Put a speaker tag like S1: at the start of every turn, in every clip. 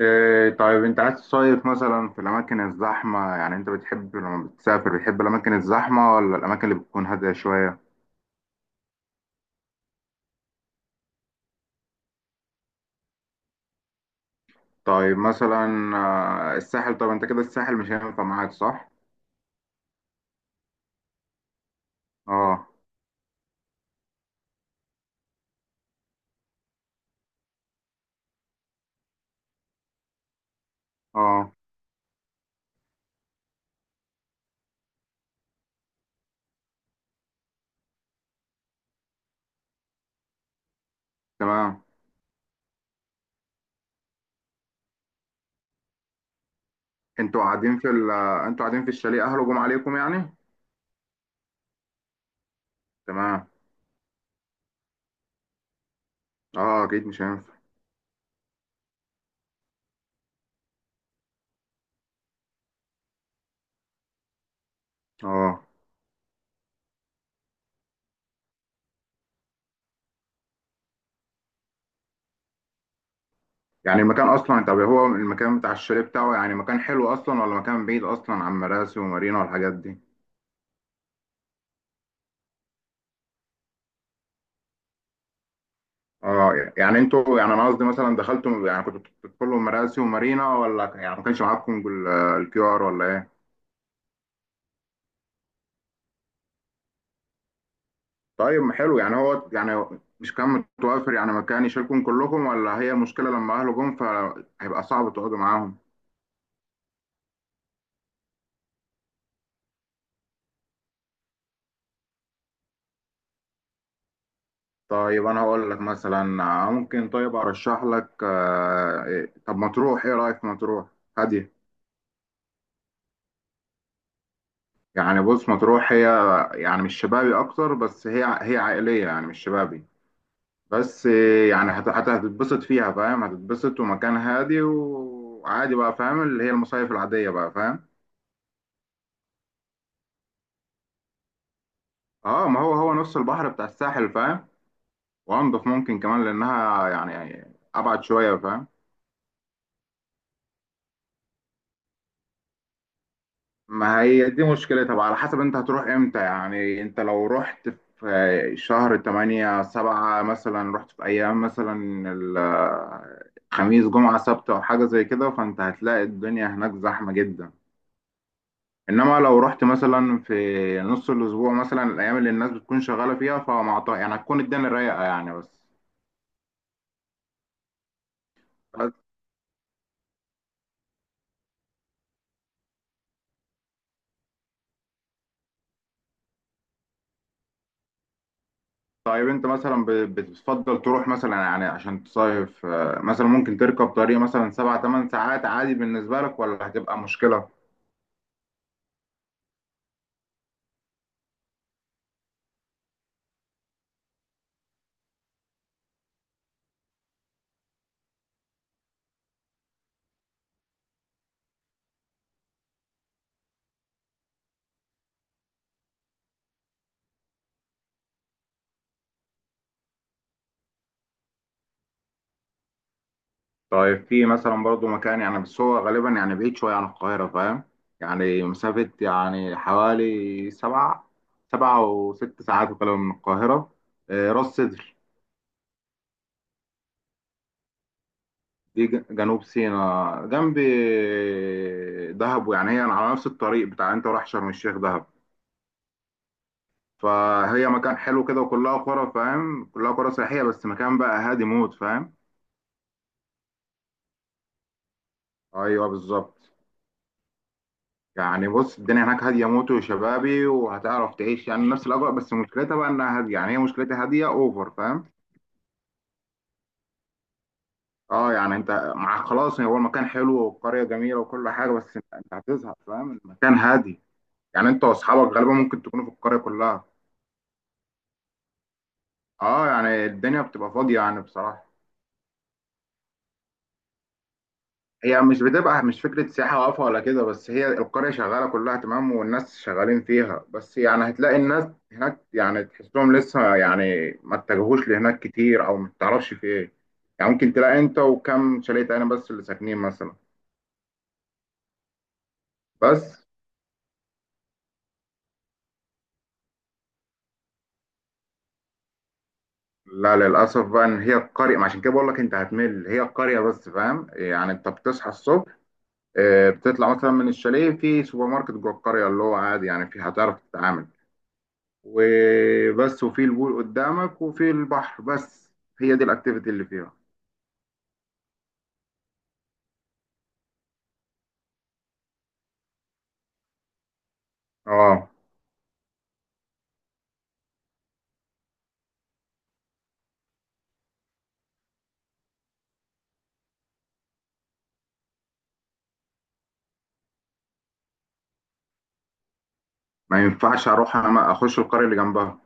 S1: إيه، طيب انت عايز تصيف مثلا في الاماكن الزحمه؟ يعني انت بتحب لما بتسافر بتحب الاماكن الزحمه ولا الاماكن اللي بتكون هاديه شويه؟ طيب مثلا الساحل. طب انت كده الساحل مش هينفع معاك صح؟ اه. اه. تمام. انتوا قاعدين في الشاليه اهله جم عليكم يعني؟ تمام. اه، اكيد مش هينفع. اه، يعني المكان اصلا، طب هو المكان بتاع الشاليه بتاعه يعني مكان حلو اصلا ولا مكان بعيد اصلا عن مراسي ومارينا والحاجات دي؟ اه، يعني انتوا، يعني انا قصدي مثلا دخلتوا، يعني كنتوا بتدخلوا مراسي ومارينا ولا يعني ما كانش معاكم الكيو ار ولا ايه؟ طيب، ما حلو يعني، هو يعني مش كان متوفر يعني مكان يشيلكم كلكم ولا هي المشكله لما اهله جم فهيبقى صعب تقعدوا معاهم؟ طيب انا هقول لك مثلا ممكن، طيب ارشح لك طب مطروح، ايه رايك في مطروح؟ هاديه. يعني بص مطروح هي، يعني مش شبابي اكتر، بس هي عائليه يعني مش شبابي. بس يعني هتتبسط فيها فاهم، هتتبسط ومكان هادي وعادي بقى فاهم، اللي هي المصايف العادية بقى فاهم. اه، ما هو نفس البحر بتاع الساحل فاهم. وانضف ممكن كمان لانها يعني يعني ابعد شوية فاهم. ما هي دي مشكلتها بقى، على حسب انت هتروح امتى. يعني انت لو رحت في شهر 8 7 مثلا، رحت في ايام مثلا ال- خميس جمعة سبت او حاجة زي كده، فانت هتلاقي الدنيا هناك زحمة جدا. انما لو رحت مثلا في نص الاسبوع مثلا، الايام اللي الناس بتكون شغاله فيها، فمع يعني هتكون الدنيا رايقه يعني. بس طيب انت مثلا بتفضل تروح مثلا يعني عشان تصيف مثلا ممكن تركب طريق مثلا 7 8 ساعات عادي بالنسبه لك ولا هتبقى مشكله؟ طيب في مثلا برضو مكان، يعني بس هو غالبا يعني بعيد شويه عن القاهره فاهم. يعني مسافه يعني حوالي 7 6 ساعات وكلام من القاهره. راس سدر. دي جنوب سيناء، جنب دهب، يعني هي على نفس الطريق بتاع انت رايح شرم الشيخ دهب. فهي مكان حلو كده، وكلها قرى فاهم، كلها قرى سياحية، بس مكان بقى هادي موت فاهم. ايوه، بالظبط. يعني بص الدنيا هناك هادية موت وشبابي، وهتعرف تعيش يعني نفس الأجواء، بس مشكلتها بقى إنها هادية، يعني هي مشكلتها هادية أوفر فاهم. اه، يعني انت، مع خلاص، هو المكان حلو والقرية جميلة وكل حاجة، بس انت، أنت هتزهق فاهم، المكان هادي. يعني انت واصحابك غالبا ممكن تكونوا في القرية كلها. اه، يعني الدنيا بتبقى فاضية يعني بصراحة. هي مش بتبقى، مش فكرة سياحة واقفة ولا كده، بس هي القرية شغالة كلها تمام، والناس شغالين فيها، بس يعني هتلاقي الناس هناك يعني تحسهم لسه يعني ما اتجهوش لهناك كتير، أو ما تعرفش في إيه. يعني ممكن تلاقي أنت وكم شاليه تاني بس اللي ساكنين مثلا. بس. لا، للأسف بقى، إن هي القرية، ما عشان كده بقول لك أنت هتمل، هي القرية بس فاهم. يعني أنت بتصحى الصبح، بتطلع مثلا من الشاليه، في سوبر ماركت جوه القرية اللي هو عادي يعني، في هتعرف تتعامل، وبس، وفي البول قدامك وفي البحر بس. هي دي الاكتيفيتي اللي فيها. اه، ما ينفعش اروح أنا اخش القرية اللي جنبها.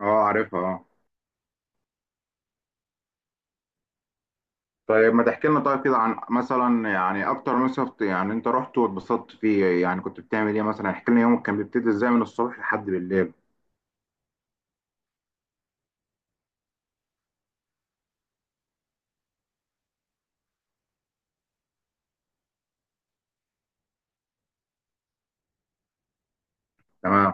S1: اه، عارفها اه. طيب ما تحكي لنا طيب كده عن مثلا يعني اكتر مصيف يعني انت رحت واتبسطت فيه، يعني كنت بتعمل ايه مثلا، احكي لنا يومك كان بيبتدي ازاي من الصبح لحد بالليل. تمام.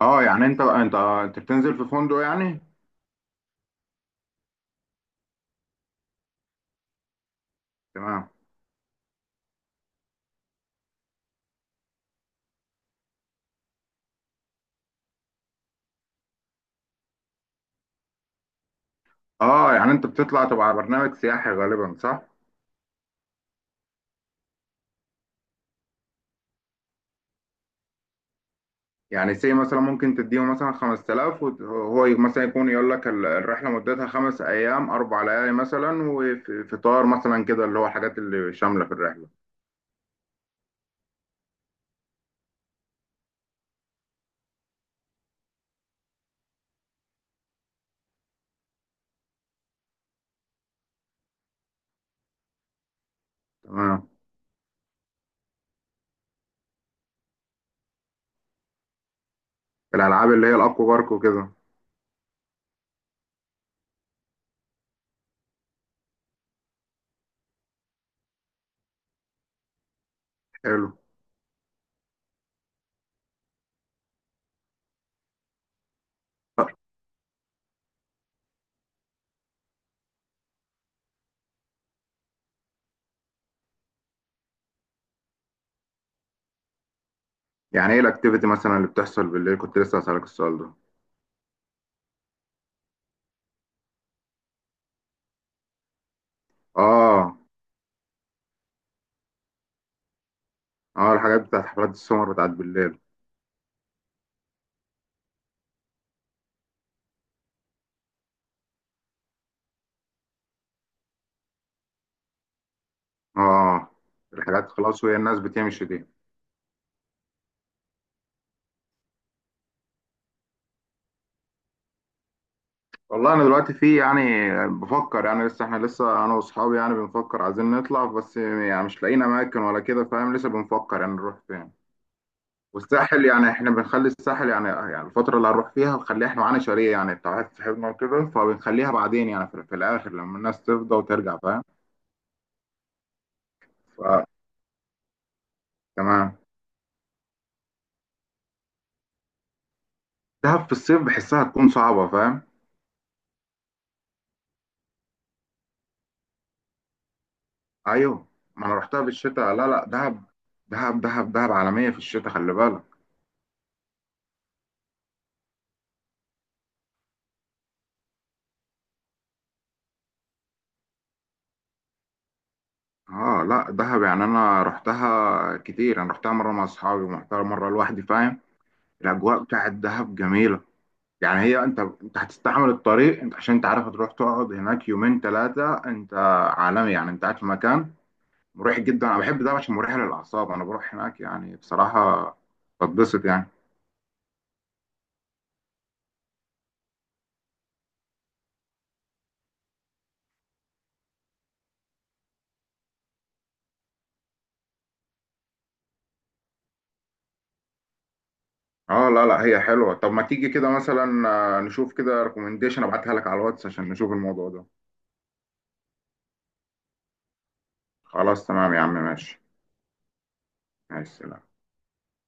S1: اه، يعني انت بتنزل في فندق يعني؟ تمام. اه، يعني انت بتطلع تبع برنامج سياحي غالبا صح؟ يعني سي مثلا ممكن تديله مثلا 5000، وهو مثلا يكون يقول لك الرحله مدتها 5 ايام 4 ليالي مثلا، وفطار مثلا كده، اللي هو الحاجات اللي شامله في الرحله. تمام. الالعاب اللي هي الاكوا بارك وكده. حلو. يعني ايه الاكتيفيتي مثلا اللي بتحصل بالليل؟ كنت لسه هسألك السؤال ده. اه. اه، الحاجات بتاعت حفلات السمر بتاعت بالليل. اه. آه. الحاجات خلاص وهي الناس بتمشي دي. والله انا دلوقتي في يعني بفكر يعني، لسه احنا لسه انا واصحابي يعني بنفكر عايزين نطلع، بس يعني مش لاقيين اماكن ولا كده فاهم، لسه بنفكر يعني نروح فين. والساحل يعني احنا بنخلي الساحل يعني، يعني الفترة اللي هنروح فيها بنخليها، احنا معانا شاليه يعني بتاع واحد صاحبنا وكده، فبنخليها بعدين يعني في الاخر لما الناس تفضى وترجع فاهم. فتمام. دهب في الصيف بحسها تكون صعبة فاهم. ايوه. ما انا رحتها بالشتاء، لا لا، دهب دهب دهب دهب عالمية في الشتاء، خلي بالك. اه لا، دهب يعني انا رحتها كتير، انا رحتها مره مع اصحابي ورحتها مره لوحدي فاهم. الاجواء بتاعت دهب جميله. يعني هي، انت، انت هتستحمل الطريق، انت عشان انت عارف هتروح تقعد هناك 2 3، انت عالمي يعني، انت قاعد في مكان مريح جدا. انا بحب دهب عشان مريحه للاعصاب، انا بروح هناك يعني بصراحه بتبسط يعني. اه لا لا، هي حلوه. طب ما تيجي كده مثلا نشوف كده ريكومنديشن، ابعتها لك على الواتس عشان نشوف الموضوع ده. خلاص تمام يا عم ماشي. مع السلامه.